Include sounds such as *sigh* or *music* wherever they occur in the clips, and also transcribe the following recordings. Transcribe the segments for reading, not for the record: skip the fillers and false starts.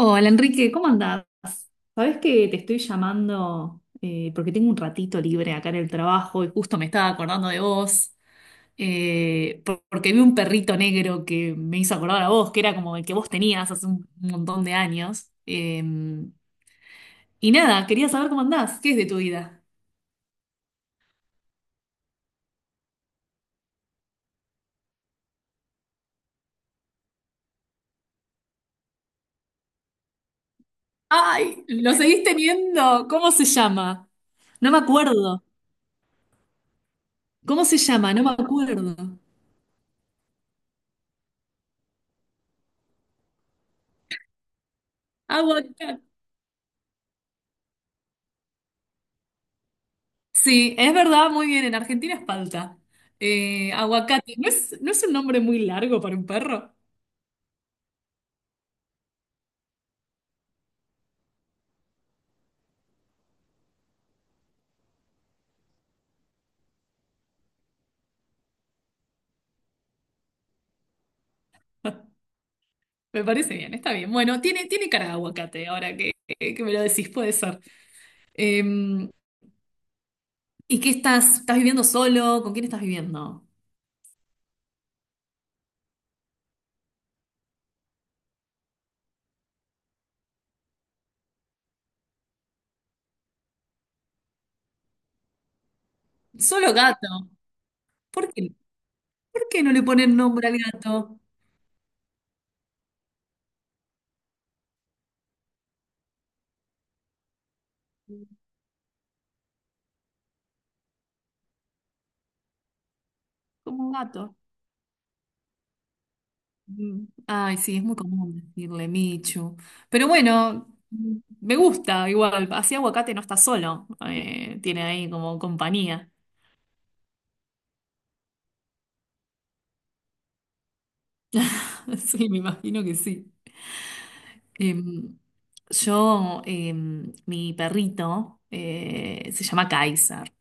Hola Enrique, ¿cómo andás? Sabés que te estoy llamando porque tengo un ratito libre acá en el trabajo y justo me estaba acordando de vos, porque vi un perrito negro que me hizo acordar a vos, que era como el que vos tenías hace un montón de años. Y nada, quería saber cómo andás, ¿qué es de tu vida? ¡Ay! ¿Lo seguís teniendo? ¿Cómo se llama? No me acuerdo. ¿Cómo se llama? No me acuerdo. Agua. Sí, es verdad, muy bien, en Argentina es palta. Aguacate, ¿no es un nombre muy largo para un perro? *laughs* Me parece bien, está bien. Bueno, tiene cara de aguacate, ahora que me lo decís, puede ser. Eh, ¿Y qué estás? ¿Estás viviendo solo? ¿Con quién estás viviendo? Solo gato. ¿Por qué? ¿Por qué no le ponen nombre al gato? Como gato. Mm. Ay, sí, es muy común decirle Michu. Pero bueno, me gusta igual. Así aguacate no está solo. Tiene ahí como compañía. *laughs* Sí, me imagino que sí. Em, yo, mi perrito se llama Kaiser.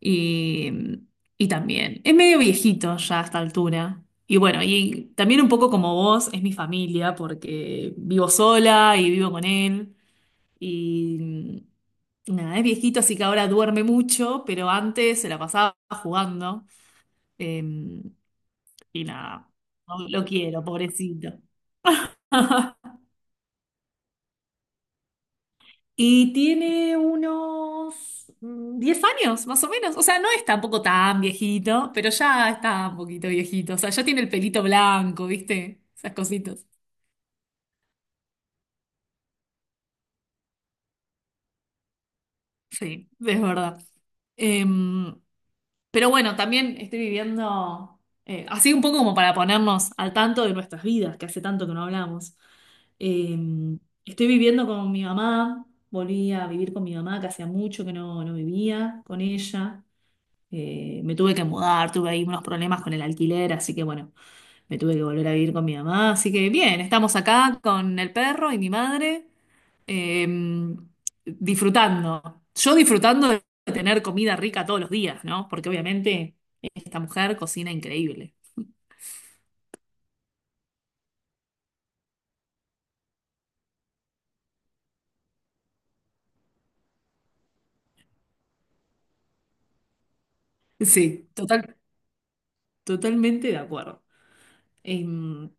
Y, em, y también, es medio viejito ya a esta altura. Y bueno, y también un poco como vos, es mi familia porque vivo sola y vivo con él. Y nada, es viejito, así que ahora duerme mucho, pero antes se la pasaba jugando. eh, y nada, no lo quiero, pobrecito. *laughs* Y tiene unos 10 años, más o menos. O sea, no es tampoco tan viejito, pero ya está un poquito viejito. O sea, ya tiene el pelito blanco, ¿viste? Esas cositas. Sí, es verdad. Eh, Pero bueno, también estoy viviendo así un poco como para ponernos al tanto de nuestras vidas, que hace tanto que no hablamos. Eh, Estoy viviendo con mi mamá, volví a vivir con mi mamá, que hacía mucho que no vivía con ella. Me tuve que mudar, tuve ahí unos problemas con el alquiler, así que bueno, me tuve que volver a vivir con mi mamá. Así que bien, estamos acá con el perro y mi madre eh, disfrutando. Yo disfrutando de tener comida rica todos los días, ¿no? Porque obviamente esta mujer cocina increíble. Sí, total, totalmente de acuerdo. Em,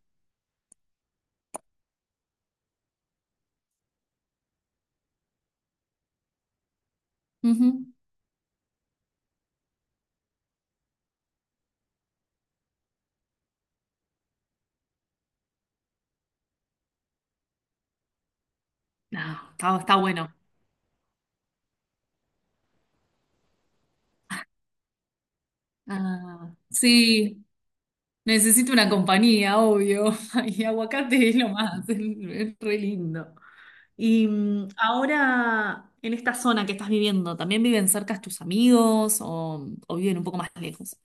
ujú. No, está, está bueno. Ah, sí, necesito una compañía, obvio. *laughs* Y aguacate es lo más, es re lindo. Y ahora, en esta zona que estás viviendo, ¿también viven cerca tus amigos o viven un poco más lejos?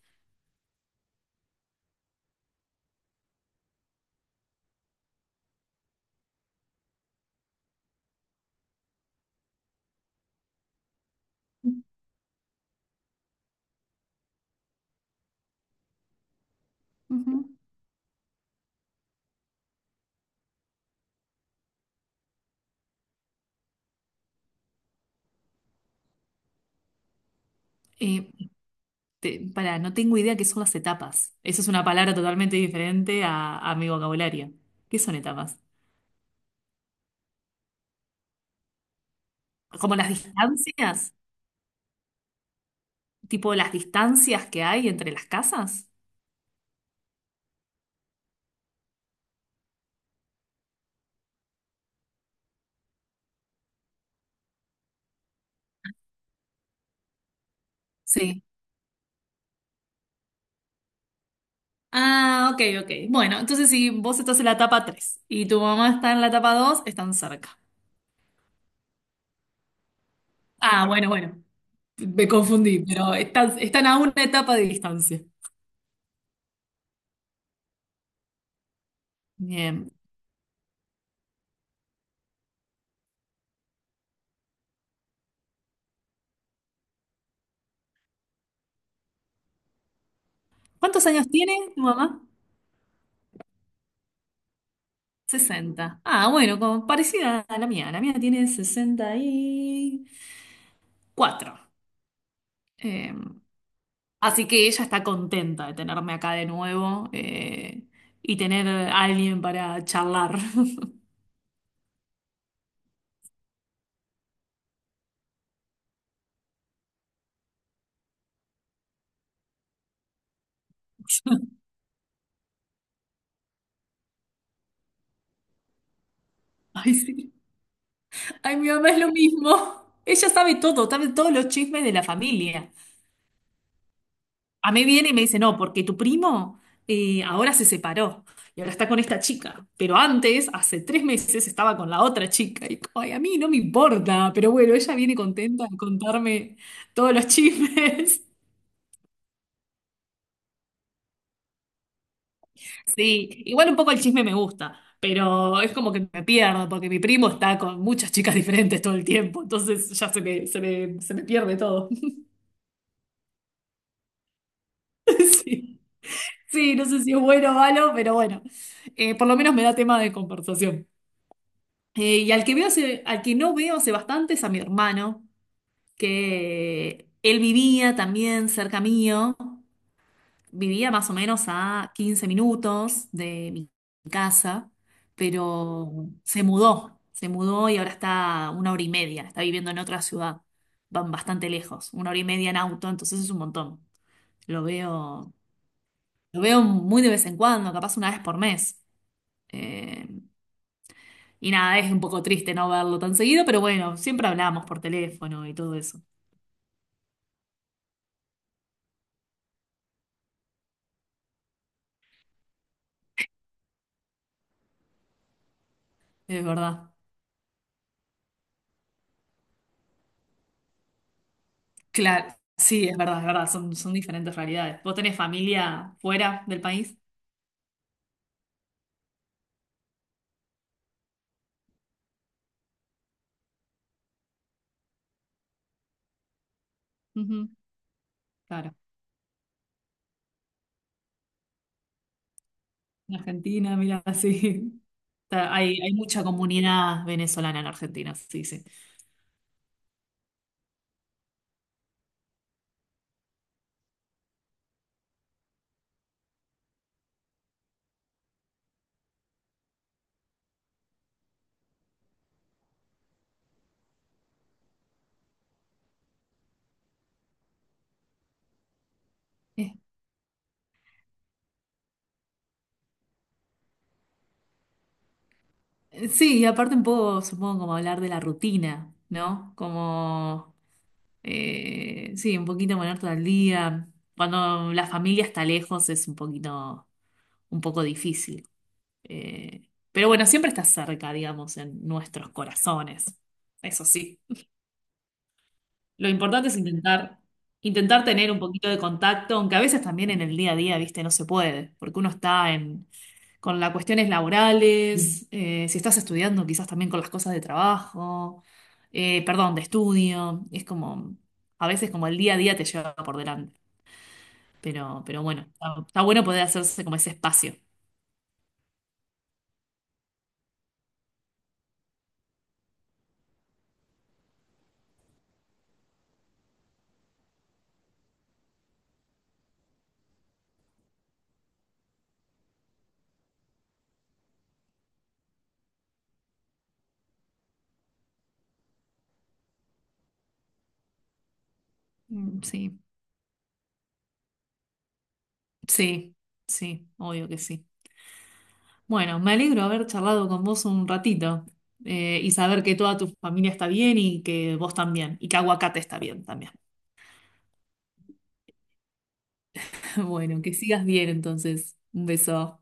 Ujú. Eh, Pará, no tengo idea qué son las etapas. Eso es una palabra totalmente diferente a mi vocabulario. ¿Qué son etapas? ¿Como las distancias? ¿Tipo las distancias que hay entre las casas? Sí. Ah, ok, ok. Bueno, entonces si vos estás en la etapa 3 y tu mamá está en la etapa 2, están cerca. Ah, bueno, bueno. Me confundí, pero están a una etapa de distancia. Bien. ¿Cuántos años tiene tu mamá? 60. Ah, bueno, como parecida a la mía. La mía tiene 64. Eh, Así que ella está contenta de tenerme acá de nuevo y tener a alguien para charlar. *laughs* Ay, sí. Ay, mi mamá es lo mismo. Ella sabe todo, sabe todos los chismes de la familia. A mí viene y me dice, no, porque tu primo ahora se separó y ahora está con esta chica, pero antes, hace 3 meses, estaba con la otra chica. Y como, ay, a mí no me importa, pero bueno, ella viene contenta a contarme todos los chismes. *laughs* Sí, igual un poco el chisme me gusta, pero es como que me pierdo, porque mi primo está con muchas chicas diferentes todo el tiempo, entonces ya se me pierde todo. *laughs* Sí. Sí, no sé si es bueno o malo, pero bueno, por lo menos me da tema de conversación. Al que no veo hace bastante es a mi hermano, que él vivía también cerca mío, vivía más o menos a 15 minutos de mi casa, pero se mudó y ahora está a una hora y media, está viviendo en otra ciudad, van bastante lejos, una hora y media en auto, entonces es un montón. Lo veo, lo veo muy de vez en cuando, capaz una vez por mes. Eh, Y nada, es un poco triste no verlo tan seguido, pero bueno, siempre hablamos por teléfono y todo eso. Es verdad. Claro, sí, es verdad, son diferentes realidades. ¿Vos tenés familia fuera del país? Ujú, claro. En Argentina, mira, *laughs* sí. Hay mucha comunidad venezolana en Argentina, sí, sí. Eh, Sí, y aparte un poco, supongo, como hablar de la rutina, ¿no? Como, sí, un poquito ponerte al día. Cuando la familia está lejos es un poquito... un poco difícil. Eh, pero bueno, siempre está cerca, digamos, en nuestros corazones. Eso sí. Lo importante es intentar, intentar tener un poquito de contacto, aunque a veces también en el día a día, viste, no se puede, porque uno está en, con las cuestiones laborales, si estás estudiando, quizás también con las cosas de trabajo, perdón, de estudio. Es como, a veces como el día a día te lleva por delante. Pero bueno, está bueno poder hacerse como ese espacio. Mm, sí. Sí, sí, obvio que sí. Bueno, me alegro haber charlado con vos un ratito y saber que toda tu familia está bien y que vos también, y que Aguacate está bien también. *laughs* Bueno, que sigas bien entonces. Un beso.